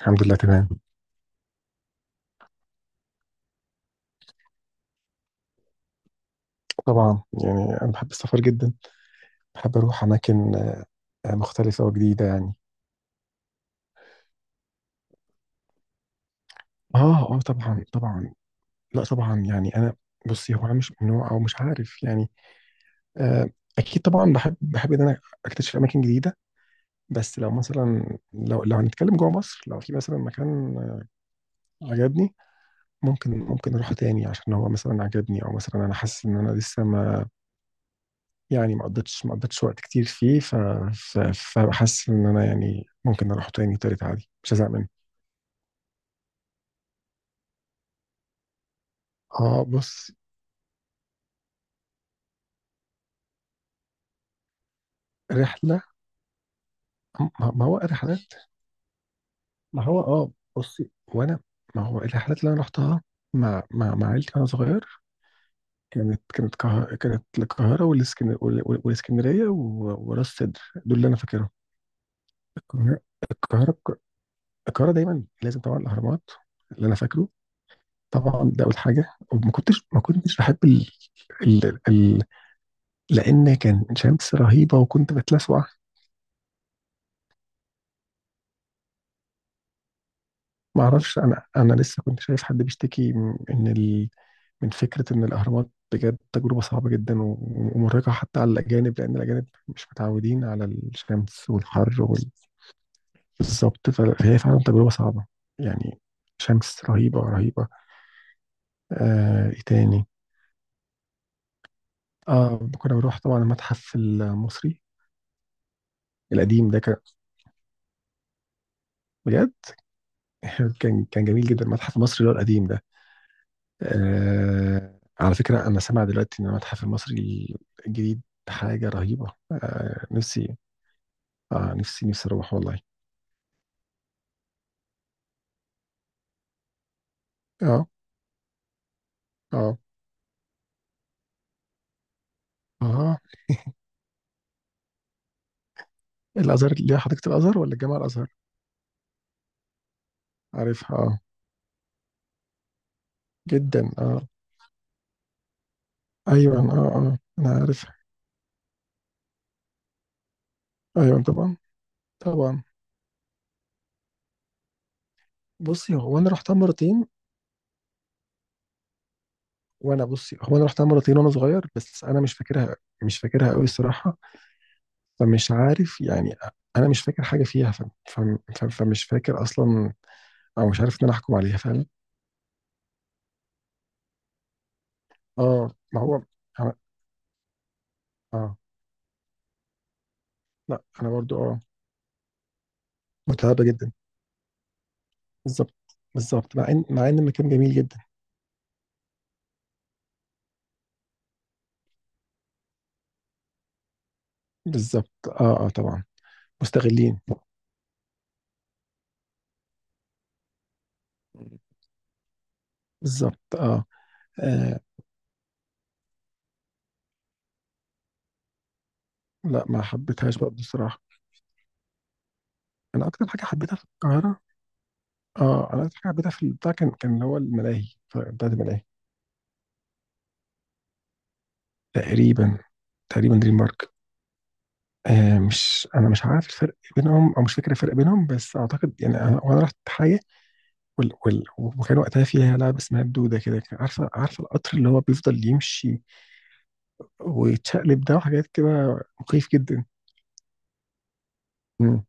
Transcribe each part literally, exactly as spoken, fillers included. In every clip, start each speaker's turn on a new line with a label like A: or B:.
A: الحمد لله تمام. طبعا يعني انا بحب السفر جدا. بحب اروح اماكن آه، مختلفه وجديده يعني. اه، اه، طبعا، طبعا. لا طبعا يعني انا. بصي هو انا مش من نوع او مش عارف يعني. آه. اكيد طبعا بحب بحب ان انا اكتشف اماكن جديده. بس لو مثلا لو لو هنتكلم جوه مصر لو في مثلا مكان آه، عجبني. ممكن ممكن اروحه تاني عشان هو مثلا عجبني او مثلا انا حاسس ان انا لسه ما، يعني ما قضيتش ما قضيتش وقت كتير فيه ف... ف... فحاسس ان انا يعني ممكن اروح تاني تالت عادي مش هزهق منه. اه بص. رحله. ما ما هو رحلات. ما هو اه. بصي وانا. ما هو الرحلات اللي انا رحتها مع مع مع عيلتي وانا صغير. كانت كانت كه... كانت القاهره والاسكن... وال- والاسكندريه و... وراس سدر، دول اللي انا فاكرهم. القاهره. القاهره. القاهره دايما لازم طبعا الاهرامات، اللي انا فاكره. طبعا ده اول حاجه. وما كنتش ما كنتش بحب ال... لان كان شمس رهيبه وكنت بتلسوع. ما اعرفش انا انا لسه كنت شايف حد بيشتكي من ان ال... من فكره ان الاهرامات بجد تجربه صعبه جدا و- ومرهقه حتى على الاجانب لان الاجانب مش متعودين على الشمس والحر وال... بالظبط ف- فهي فعلا تجربه صعبه يعني. شمس رهيبه رهيبه. آه... ايه تاني. اه كنا بنروح طبعا المتحف المصري القديم ده كان بجد. كان كان جميل جدا المتحف المصري اللي هو القديم ده. آه على فكرة أنا سامع دلوقتي إن المتحف المصري الجديد حاجة رهيبة. آه نفسي. آه نفسي نفسي أروح والله. آه، آه، آه. الأزهر اللي هي حديقة الأزهر ولا جامع الأزهر؟ عارفها آه. جدا آه. أيوة، آه، آه، أنا عارفها. أيوة طبعا. طبعا. بصي هو أنا رحتها مرتين وأنا. بصي هو أنا رحتها مرتين وأنا صغير بس أنا مش فاكرها، مش فاكرها قوي الصراحة. فمش عارف يعني. أنا مش فاكر حاجة فيها ف... ف... ف... فمش فاكر أصلا، او مش عارف ان انا احكم عليها فعلا. اه ما هو أنا- اه. لا انا برضو اه. متعبه جدا. بالظبط. بالظبط مع ان مع ان المكان جميل جدا. بالظبط، اه، اه، طبعا. مستغلين. بالظبط آه. اه لا ما حبيتهاش برضه الصراحه. انا اكتر حاجه حبيتها في القاهره. اه انا اكتر حاجه حبيتها في البتاع كان كان اللي هو الملاهي ف- بتاعت الملاهي. تقريبا. تقريبا دريم بارك. آه مش انا مش عارف الفرق بينهم او مش فاكر الفرق بينهم بس اعتقد يعني انا وانا رحت حاجه وال... وال... وكان وقتها فيها لعبة اسمها الدودة كده كان عارفة عارفة القطر اللي هو بيفضل يمشي ويتشقلب ده وحاجات كده. مخيف جدا. مم.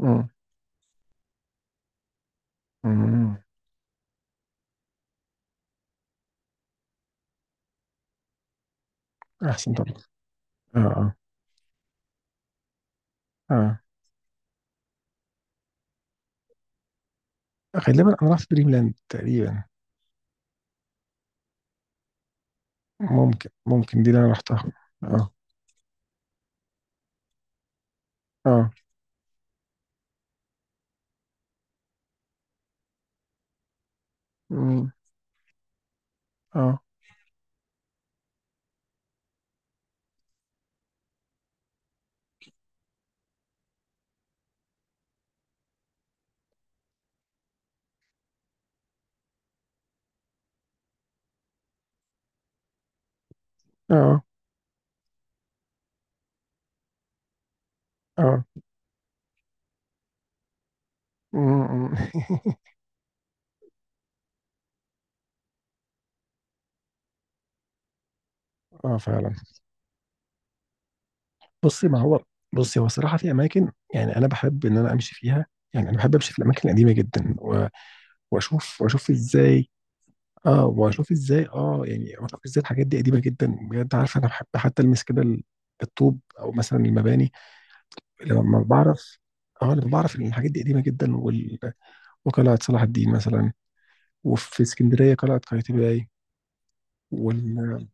A: مم. مم. أحسن طبعا. آه، آه. آه غالبا أنا رحت دريم لاند تقريبا. ممكن ممكن دي اللي أنا رحتها. آه، آه. مم. آه، آه، آه. مم. آه فعلا. بصي ما هو. بصي هو صراحة في أماكن يعني أنا بحب إن أنا أمشي فيها. يعني أنا بحب أمشي في الأماكن القديمة جدا و... وأشوف وأشوف إزاي. اه واشوف ازاي اه يعني واشوف ازاي الحاجات دي قديمه جدا بجد عارف انا بحب حتى المس كده ال- الطوب او مثلا المباني. لما بعرف. اه لما بعرف ان الحاجات دي قديمه جدا وال... وقلعه صلاح الدين مثلا وفي اسكندريه قلعه قايتباي وال...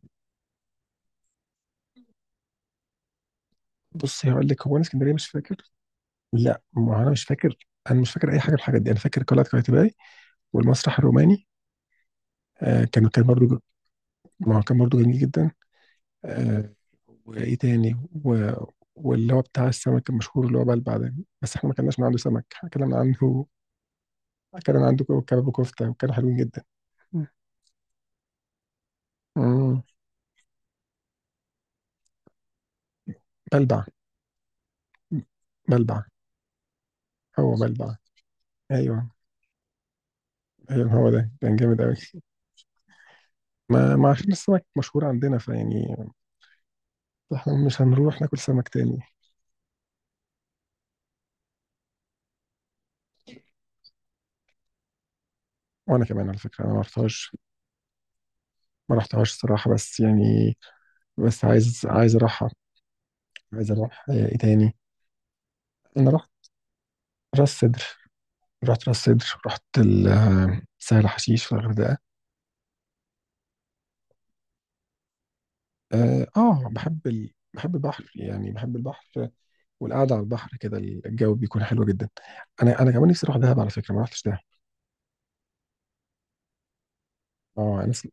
A: بص هقول لك هو انا اسكندريه مش فاكر. لا ما هو انا مش فاكر. انا مش فاكر اي حاجه من الحاجات دي. انا فاكر قلعه قايتباي والمسرح الروماني. آه كان كان برضه. ما هو كان برضه جميل جدا. آه. وايه تاني؟ و... واللي هو بتاع السمك المشهور اللي هو بلبع ده. بس احنا ما كناش من عنده سمك. احنا كلنا عنده كلنا عنده كباب وكفته وكانوا حلوين جدا. مم. بلبع. بلبع. هو بلبع. ايوه. ايوه هو ده كان جامد قوي. ما ما عشان السمك مشهور عندنا فيعني. احنا مش هنروح ناكل سمك تاني. وانا كمان على فكره انا ما رحتهاش. ما رحتهاش الصراحه بس يعني، بس عايز عايز اروحها. عايز اروح آه، ايه تاني؟ انا رحت. راس سدر. رحت راس سدر. رحت ال- سهل حشيش في الغردقة. اه آه، بحب ال... بحب البحر يعني بحب البحر والقعدة على البحر كده الجو بيكون حلو جدا. انا انا كمان نفسي اروح دهب على فكرة ما رحتش دهب. اه الناس.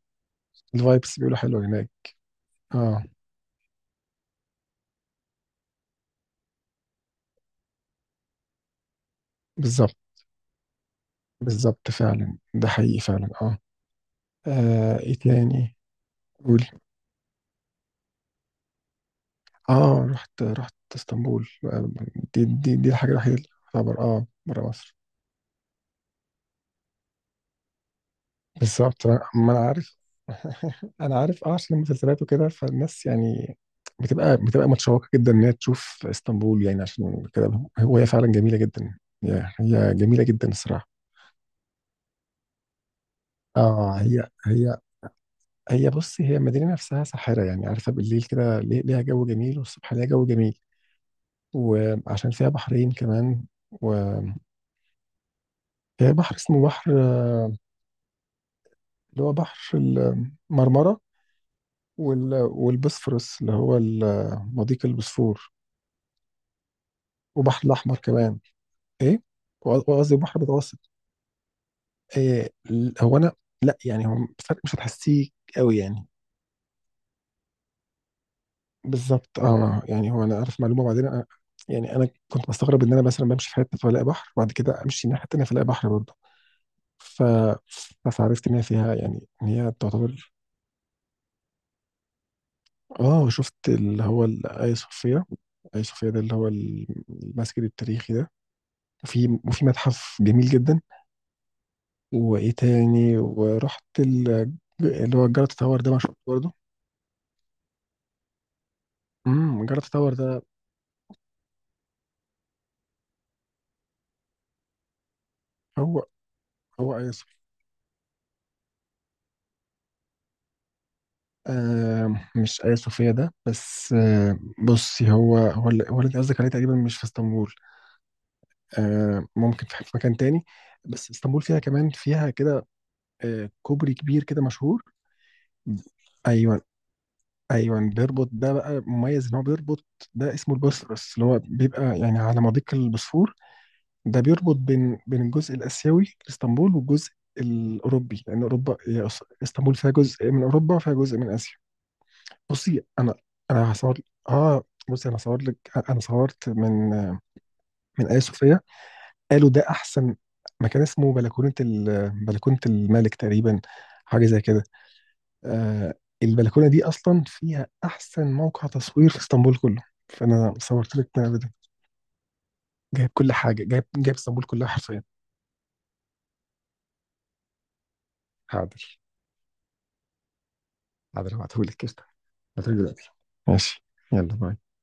A: الفايبس بيقولوا حلوة هناك. اه بالظبط. بالظبط فعلا ده حقيقي فعلا اه. آه، ايه تاني؟ قول. اه رحت رحت اسطنبول آه، دي دي دي الحاجة الوحيدة اللي تعتبر اه برا مصر. بالظبط ما. انا عارف. انا عارف اه عشان المسلسلات وكده فالناس يعني بتبقى بتبقى متشوقه جدا ان هي تشوف اسطنبول يعني عشان كده. هو هي فعلا جميله جدا. هي هي جميله جدا الصراحه. اه هي هي. هي بص هي المدينه نفسها ساحره يعني عارفه بالليل كده ليه- ليها جو جميل والصبح ليها جو جميل وعشان فيها بحرين كمان. وهي. بحر اسمه بحر اللي هو بحر المرمره وال... والبسفورس اللي هو ال- مضيق البوسفور وبحر الاحمر كمان. ايه وق- وقصدي بحر متوسط. إيه ال- هو انا. لا يعني هو الفرق مش هتحسيه قوي يعني. بالظبط اه يعني هو انا عارف معلومه وبعدين أنا. يعني انا كنت بستغرب ان انا مثلا بمشي في حته فلاقي بحر وبعد كده امشي الناحيه التانيه فلاقي بحر برضه. ف. فعرفت ان هي فيها يعني ان هي تعتبر. اه شفت اللي هو الاي صوفيا. اي صوفيا ده اللي هو المسجد التاريخي ده. وفي وفي متحف جميل جدا. وايه تاني؟ ورحت ال- اللي هو الجلطة تاور ده مشهور برضه. امم جرافيك تاور ده. هو. هو ايا صوفيا. آه مش ايا صوفيا ده بس آه. بصي هو هو اللي هو اللي انت قصدك عليه تقريبا مش في اسطنبول. آه ممكن في في مكان تاني. بس اسطنبول فيها كمان فيها كده. آه كوبري كبير كده مشهور. ايوه. ايوه بيربط ده بقى مميز ان هو بيربط. ده اسمه البوسفورس اللي هو بيبقى يعني على مضيق البوسفور ده بيربط بين بين الجزء الاسيوي لاسطنبول والجزء الاوروبي لان اوروبا هي أص- اسطنبول فيها جزء من اوروبا وفيها جزء من اسيا. بصي انا. انا هصور. اه. بصي انا صور لك. انا صورت من من ايا صوفيا. قالوا ده احسن مكان اسمه بلكونه ال... بلكونه الملك تقريبا، حاجه زي كده. آه. البلكونه دي اصلا فيها احسن موقع تصوير في اسطنبول كله. فانا صورت لك من قبل ده. جايب كل حاجه. جايب جايب اسطنبول كلها حرفيا. حاضر. حاضر هبعتهولك قشطة. هبعتهولك دلوقتي. ماشي. يلا باي.